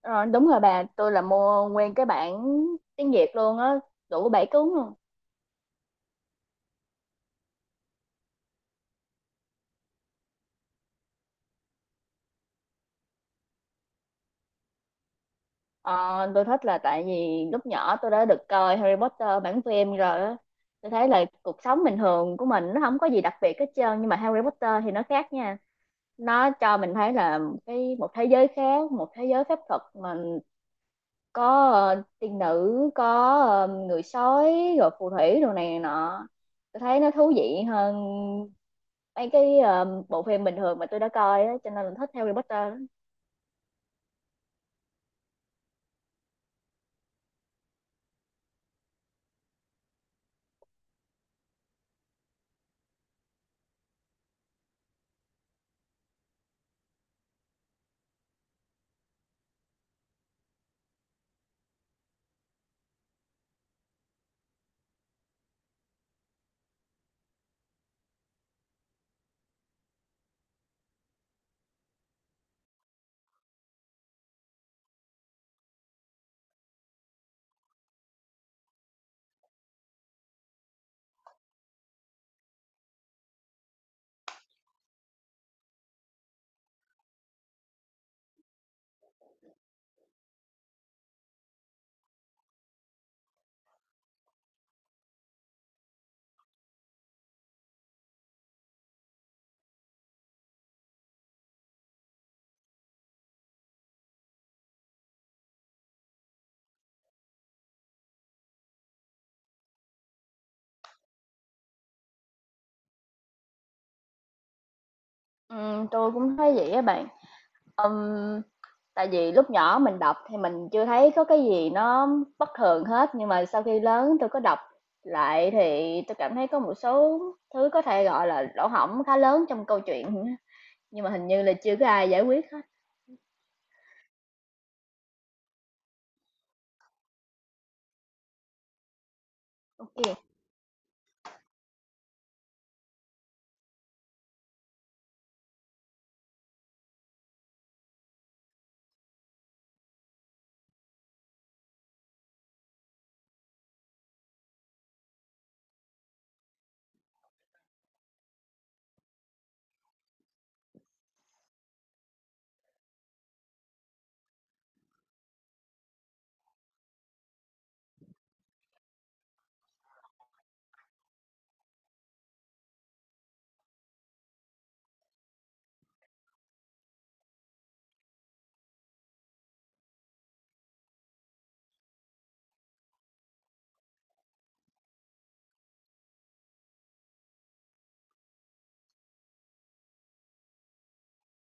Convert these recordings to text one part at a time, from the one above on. Ờ, Đúng rồi bà, tôi là mua nguyên cái bản tiếng Việt luôn á, đủ bảy cuốn luôn. Ờ, tôi thích là tại vì lúc nhỏ tôi đã được coi Harry Potter bản phim rồi á. Tôi thấy là cuộc sống bình thường của mình nó không có gì đặc biệt hết trơn, nhưng mà Harry Potter thì nó khác nha. Nó cho mình thấy là cái một thế giới khác, một thế giới phép thuật mà có tiên nữ, có người sói rồi phù thủy đồ này nọ, tôi thấy nó thú vị hơn mấy cái bộ phim bình thường mà tôi đã coi á, cho nên là thích Harry Potter lắm. Tôi cũng thấy vậy á bạn. Ừm, Tại vì lúc nhỏ mình đọc thì mình chưa thấy có cái gì nó bất thường hết, nhưng mà sau khi lớn tôi có đọc lại thì tôi cảm thấy có một số thứ có thể gọi là lỗ hổng khá lớn trong câu chuyện, nhưng mà hình như là chưa có ai giải quyết hết. Ok.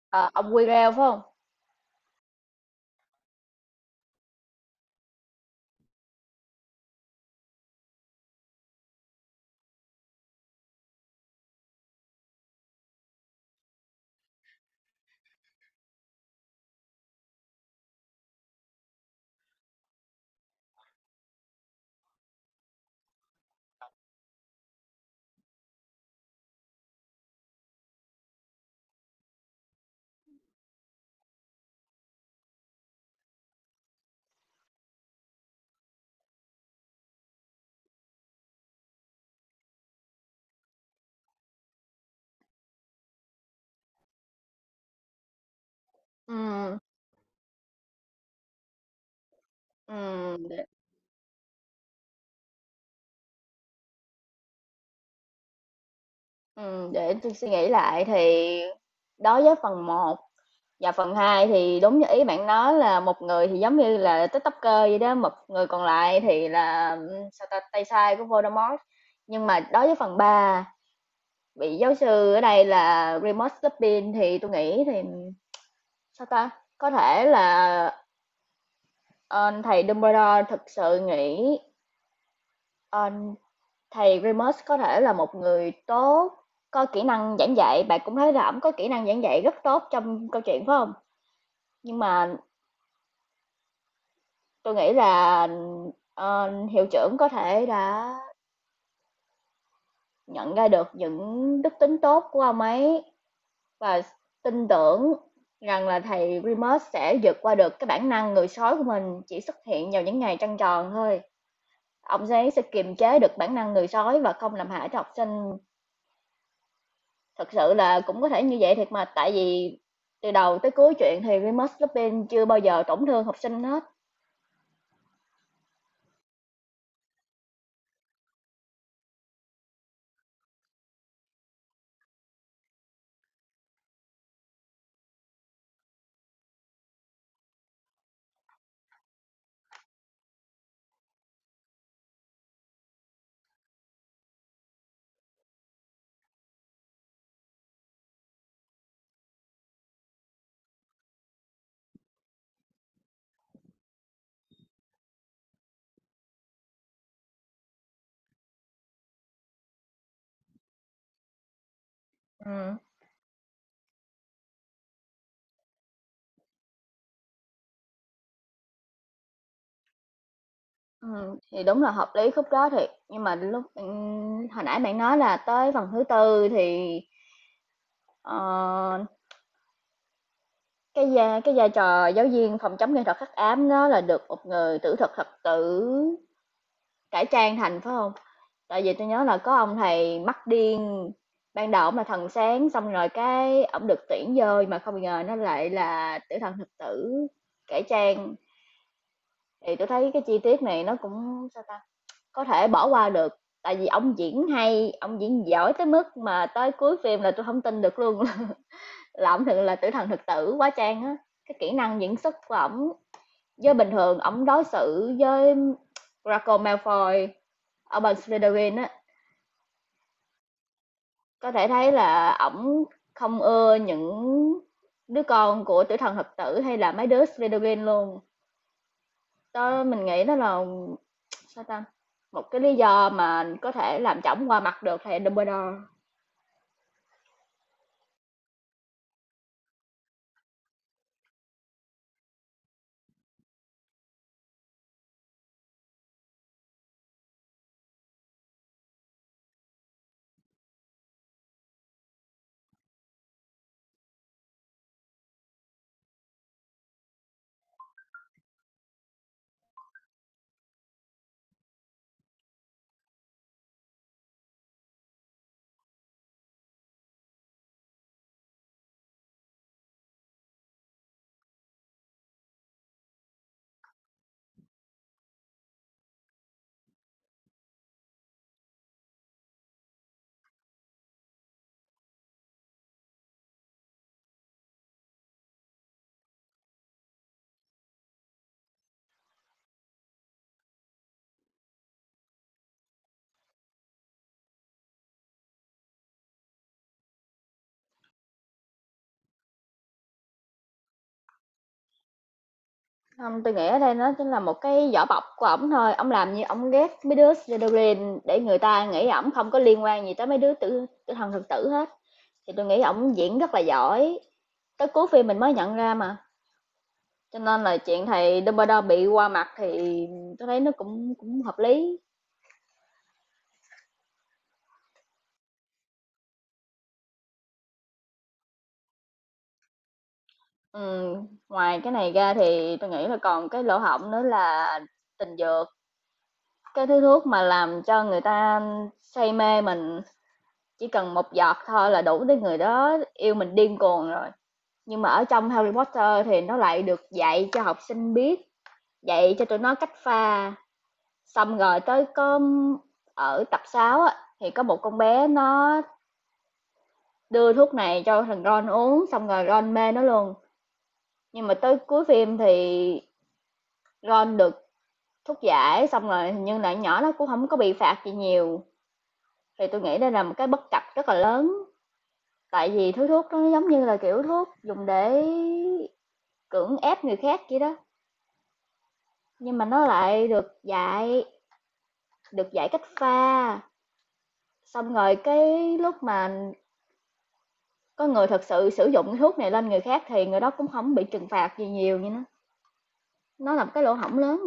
Ờ, ông Quirrell phải không? Ừm, ừm, để, để tui suy nghĩ lại thì đối với phần một và phần 2 thì đúng như ý bạn nói, là một người thì giống như là TikToker vậy đó, một người còn lại thì là, sao ta, tay sai của Voldemort. Nhưng mà đối với phần ba, vị giáo sư ở đây là Remus Lupin thì tôi nghĩ thì, sao ta, có thể là, ờ, thầy Dumbledore thực sự nghĩ ờ, Thầy Remus có thể là một người tốt, có kỹ năng giảng dạy, bạn cũng thấy là ổng có kỹ năng giảng dạy rất tốt trong câu chuyện phải không? Nhưng mà tôi nghĩ là, hiệu trưởng có thể đã nhận ra được những đức tính tốt của ông ấy và tin tưởng rằng là thầy Remus sẽ vượt qua được cái bản năng người sói của mình chỉ xuất hiện vào những ngày trăng tròn thôi. Ông ấy sẽ kiềm chế được bản năng người sói và không làm hại cho học sinh. Thực sự là cũng có thể như vậy thiệt mà, tại vì từ đầu tới cuối chuyện thì Remus Lupin chưa bao giờ tổn thương học sinh hết. Ừm. Thì đúng là hợp lý khúc đó thiệt, nhưng mà lúc hồi nãy bạn nói là tới phần thứ tư thì, ờ, cái vai trò giáo viên phòng chống nghệ thuật hắc ám đó là được một người tử thực thật tử cải trang thành, phải không? Tại vì tôi nhớ là có ông thầy mắt điên, ban đầu ổng là thần sáng, xong rồi cái ổng được tuyển vô mà không ngờ nó lại là tử thần thực tử cải trang. Thì tôi thấy cái chi tiết này nó cũng, sao ta, có thể bỏ qua được, tại vì ổng diễn hay, ổng diễn giỏi tới mức mà tới cuối phim là tôi không tin được luôn là ổng thực là tử thần thực tử quá trang á. Cái kỹ năng diễn xuất của ổng, với bình thường ổng đối xử với Draco Malfoy, Albus Slytherin á. Có thể thấy là ổng không ưa những đứa con của Tử Thần Hợp Tử hay là mấy đứa Shredder luôn. Đó mình nghĩ đó là, sao ta? Một cái lý do mà có thể làm cho ổng qua mặt được thầy Dumbledore. Không, tôi nghĩ ở đây nó chính là một cái vỏ bọc của ổng thôi. Ổng làm như ổng ghét mấy đứa Slytherin để người ta nghĩ ổng không có liên quan gì tới mấy đứa tử thần thực tử hết. Thì tôi nghĩ ổng diễn rất là giỏi. Tới cuối phim mình mới nhận ra mà. Cho nên là chuyện thầy Dumbledore bị qua mặt thì tôi thấy nó cũng cũng hợp lý. Ngoài cái này ra thì tôi nghĩ là còn cái lỗ hổng nữa là tình dược, cái thứ thuốc mà làm cho người ta say mê mình, chỉ cần một giọt thôi là đủ để người đó yêu mình điên cuồng rồi. Nhưng mà ở trong Harry Potter thì nó lại được dạy cho học sinh biết, dạy cho tụi nó cách pha, xong rồi tới có ở tập 6 á, thì có một con bé nó đưa thuốc này cho thằng Ron uống xong rồi Ron mê nó luôn, nhưng mà tới cuối phim thì Ron được thuốc giải xong rồi nhưng lại nhỏ nó cũng không có bị phạt gì nhiều, thì tôi nghĩ đây là một cái bất cập rất là lớn, tại vì thứ thuốc nó giống như là kiểu thuốc dùng để cưỡng ép người khác vậy đó, nhưng mà nó lại được dạy, cách pha, xong rồi cái lúc mà có người thật sự sử dụng cái thuốc này lên người khác thì người đó cũng không bị trừng phạt gì nhiều như nó là một cái lỗ hổng lớn.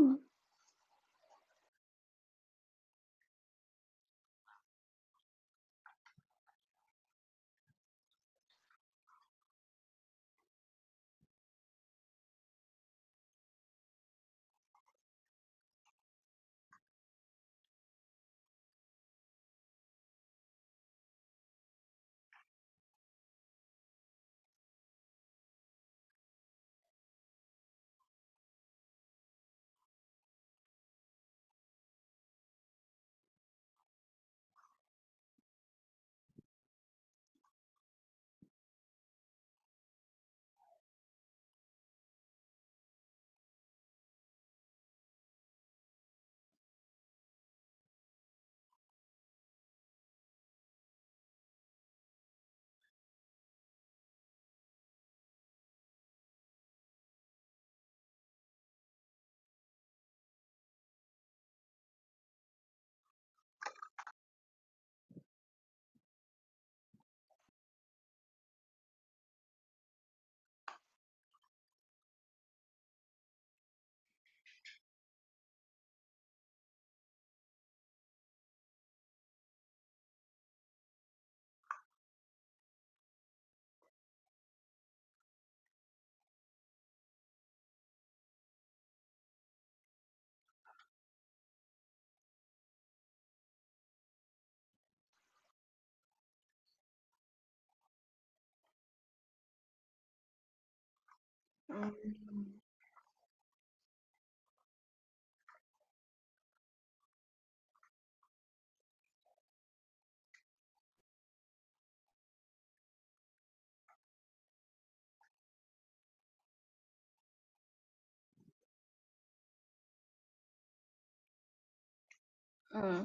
Ừ.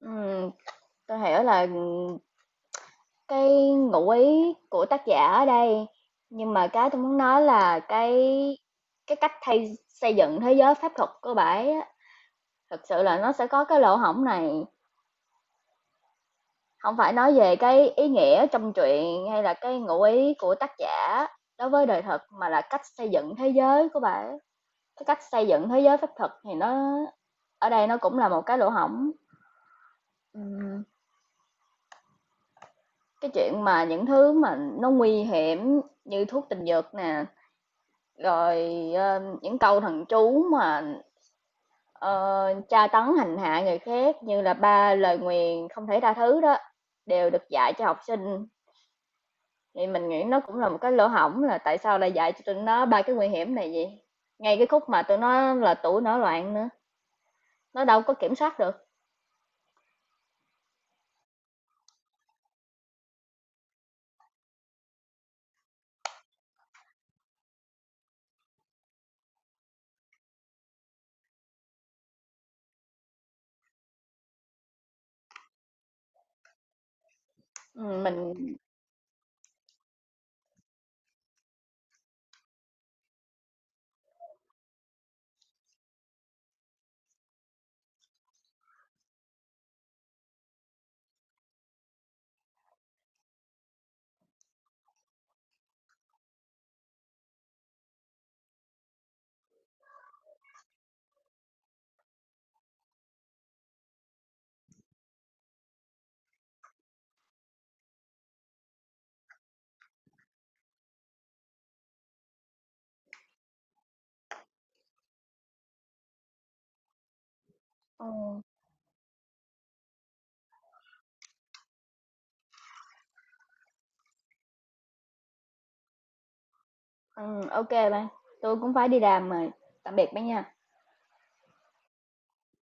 Ừ. Tôi hiểu là cái ngụ ý của tác giả ở đây, nhưng mà cái tôi muốn nói là cái cách thay xây dựng thế giới pháp thuật của bãi á, thực sự là nó sẽ có cái lỗ hổng này, không phải nói về cái ý nghĩa trong truyện hay là cái ngụ ý của tác giả đối với đời thực mà là cách xây dựng thế giới của bãi. Cái cách xây dựng thế giới pháp thuật thì nó ở đây nó cũng là một cái lỗ hổng. Ừm, Cái chuyện mà những thứ mà nó nguy hiểm như thuốc tình dược nè. Rồi, những câu thần chú mà, ờ, tra tấn hành hạ người khác như là ba lời nguyền không thể tha thứ đó, đều được dạy cho học sinh, thì mình nghĩ nó cũng là một cái lỗ hổng là tại sao lại dạy cho tụi nó ba cái nguy hiểm này vậy? Ngay cái khúc mà tụi nó là tuổi nổi loạn nữa, nó đâu có kiểm soát được. Mình ừm, ô bạn, tui cũng phải đi làm rồi. Tạm biệt bạn nha.